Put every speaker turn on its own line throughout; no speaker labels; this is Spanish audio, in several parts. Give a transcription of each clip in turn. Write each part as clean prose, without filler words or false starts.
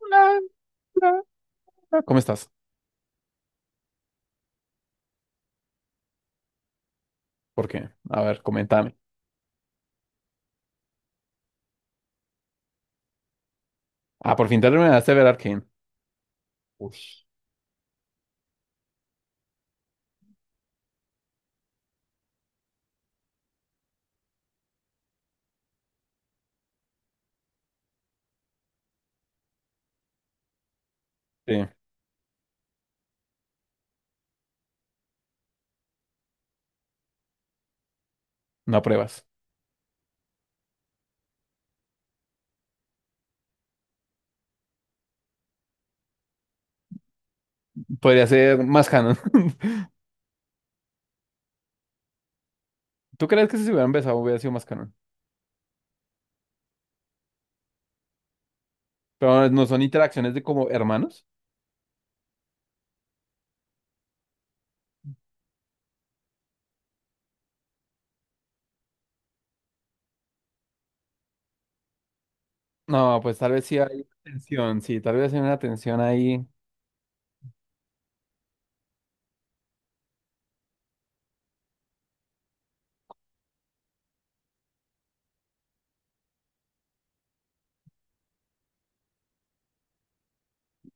Ah, ah, ¿Cómo estás? ¿Por qué? A ver, coméntame. Ah, por fin terminaste de ver Arcane. Sí, no pruebas. Podría ser más canon. ¿Tú crees que si se hubiera empezado hubiera sido más canon? Pero no son interacciones de como hermanos. No, pues tal vez sí hay tensión, sí, tal vez hay una tensión ahí.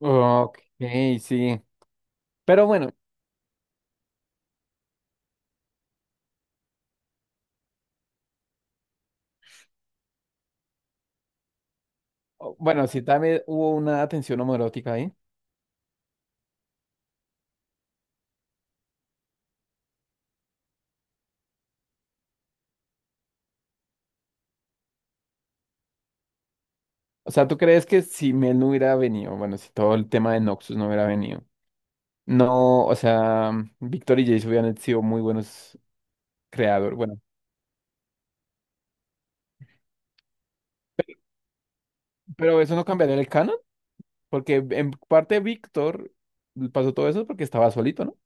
Ok, sí. Pero bueno, bueno, sí también hubo una tensión homoerótica ahí. O sea, ¿tú crees que si Mel no hubiera venido, bueno, si todo el tema de Noxus no hubiera venido? No, o sea, Víctor y Jace hubieran sido muy buenos creadores. Bueno, pero eso no cambiaría el canon, porque en parte Víctor pasó todo eso porque estaba solito, ¿no?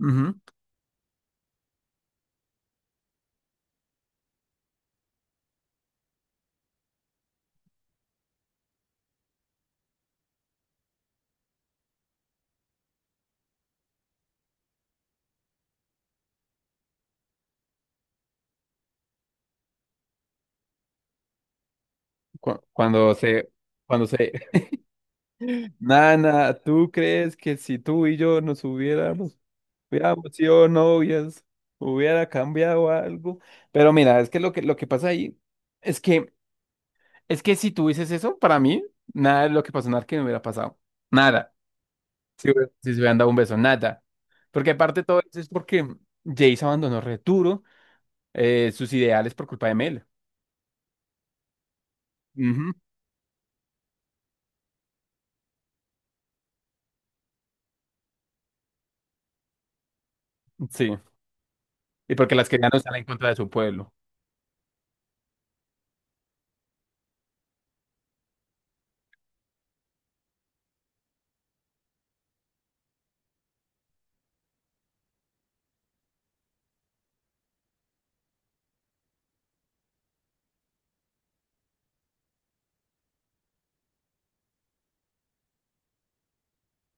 Ujú. Cu- Cuando se, cuando se, Nana, ¿tú crees que si tú y yo nos hubiéramos, hubiéramos sido novias, hubiera cambiado algo? Pero mira, es que lo que pasa ahí es que, es que si tú dices eso, para mí, nada de lo que pasó en Arcane hubiera pasado. Nada. Sí, güey. Sí se hubieran dado un beso, nada. Porque aparte de todo eso es porque Jace abandonó Returo, sus ideales por culpa de Mel. Ujú. Sí. Y porque las querían usar en contra de su pueblo.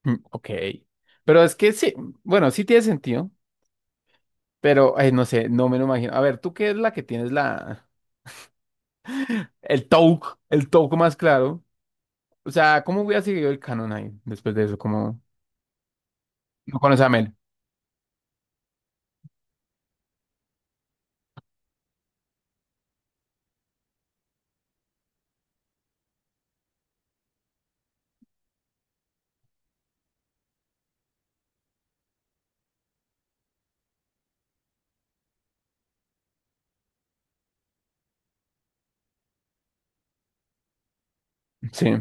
Mm, ok. Pero es que sí, bueno, sí tiene sentido, pero ay, no sé, no me lo imagino. A ver, ¿tú qué es la que tienes la...? El Touk más claro. O sea, ¿cómo hubiera seguido el canon ahí después de eso? Como no conoce a Mel. Sí.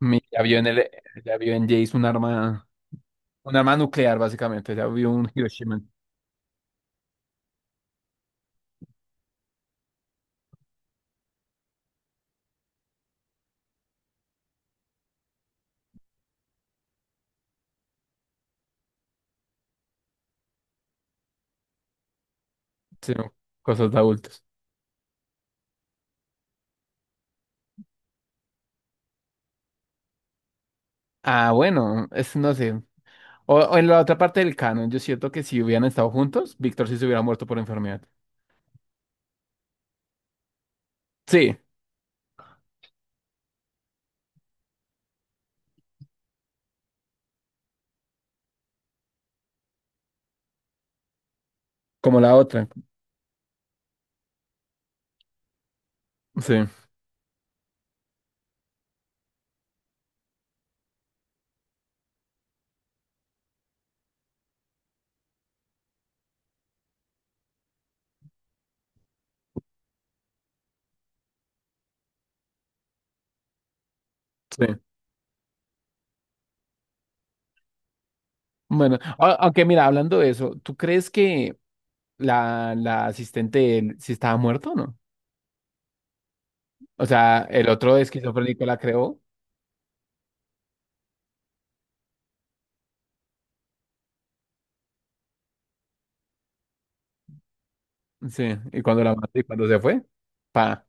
Mi- Ya vio en el, ya vio en Jace un arma. Un arma nuclear, básicamente. Ya vi un Hiroshima. Sí, cosas de adultos. Ah, bueno, es, no sé. O en la otra parte del canon, yo siento que si hubieran estado juntos, Víctor sí se hubiera muerto por enfermedad. Sí, como la otra. Sí, sí. Bueno, aunque mira, hablando de eso, ¿tú crees que la asistente de él sí estaba muerto o no? O sea, el otro esquizofrénico la creó. Sí, y cuando la mató y cuando se fue, pa.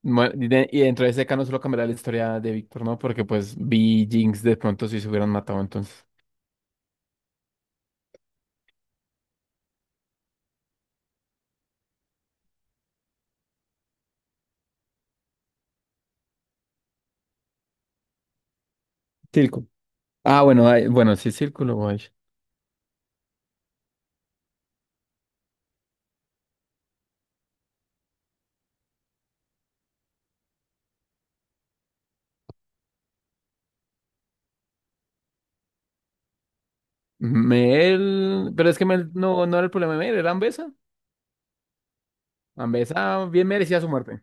Bueno, y dentro de ese caso no solo cambiará la historia de Víctor, ¿no? Porque pues Vi y Jinx de pronto si se hubieran matado entonces. Tilco. Ah, bueno, ay, bueno, sí, Círculo, guay. Mel, pero es que Mel no, no era el problema de Mel, era Ambesa. Ambesa bien merecía su muerte.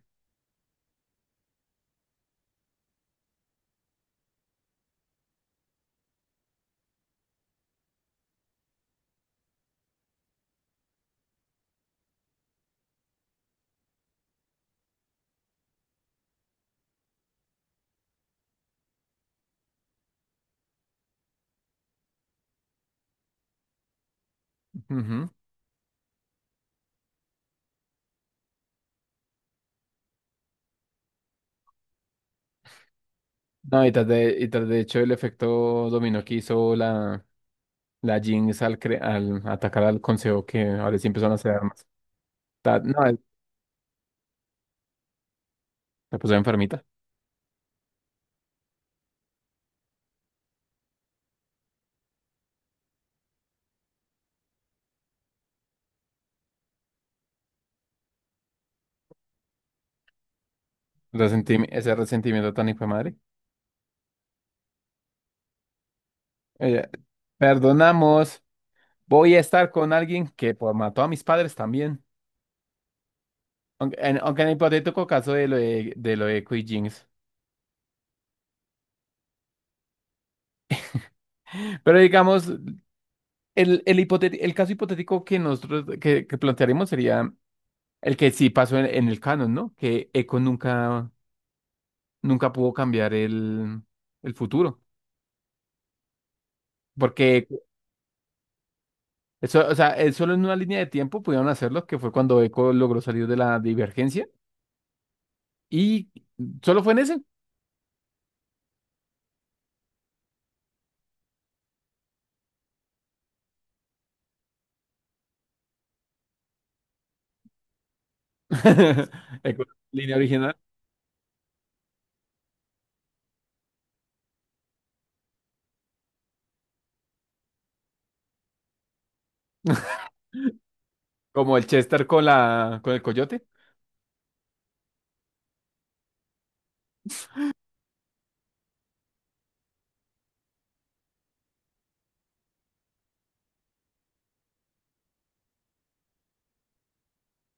Ujú. No, y tras de hecho el efecto dominó que hizo la Jinx al, al atacar al consejo, que ahora sí empezaron a hacer armas. Ta- no, la puso enfermita. Ese resentimiento tan hijo de madre. Ella, perdonamos. Voy a estar con alguien que pues, mató a mis padres también. Aunque en el hipotético caso de de lo de Quick Jinx. Pero digamos, el caso hipotético que que plantearemos sería el que sí pasó en el canon, ¿no? Que Echo nunca, nunca pudo cambiar el futuro. Porque eso, o sea, él solo en una línea de tiempo pudieron hacerlo, que fue cuando Echo logró salir de la divergencia. Y solo fue en ese. Echo, línea original. Como el Chester con la con el coyote.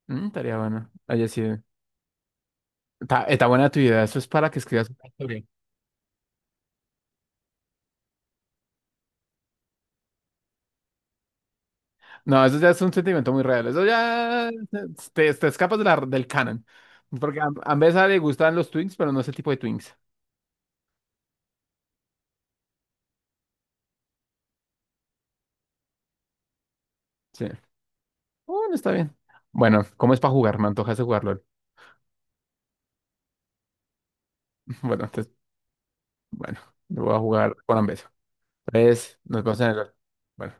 Mm, estaría bueno. Oye, sí. Está buena tu idea. Eso es para que escribas una historia. No, eso ya es un sentimiento muy real. Eso ya te escapas de del canon. Porque a Mbesa le gustan los Twinks, pero no ese tipo de Twinks. Sí. Bueno, está bien. Bueno, ¿cómo es para jugar? Me antojas de jugarlo. Bueno, entonces, bueno, lo voy a jugar con Ambesa. Entonces, nos vamos a... Bueno.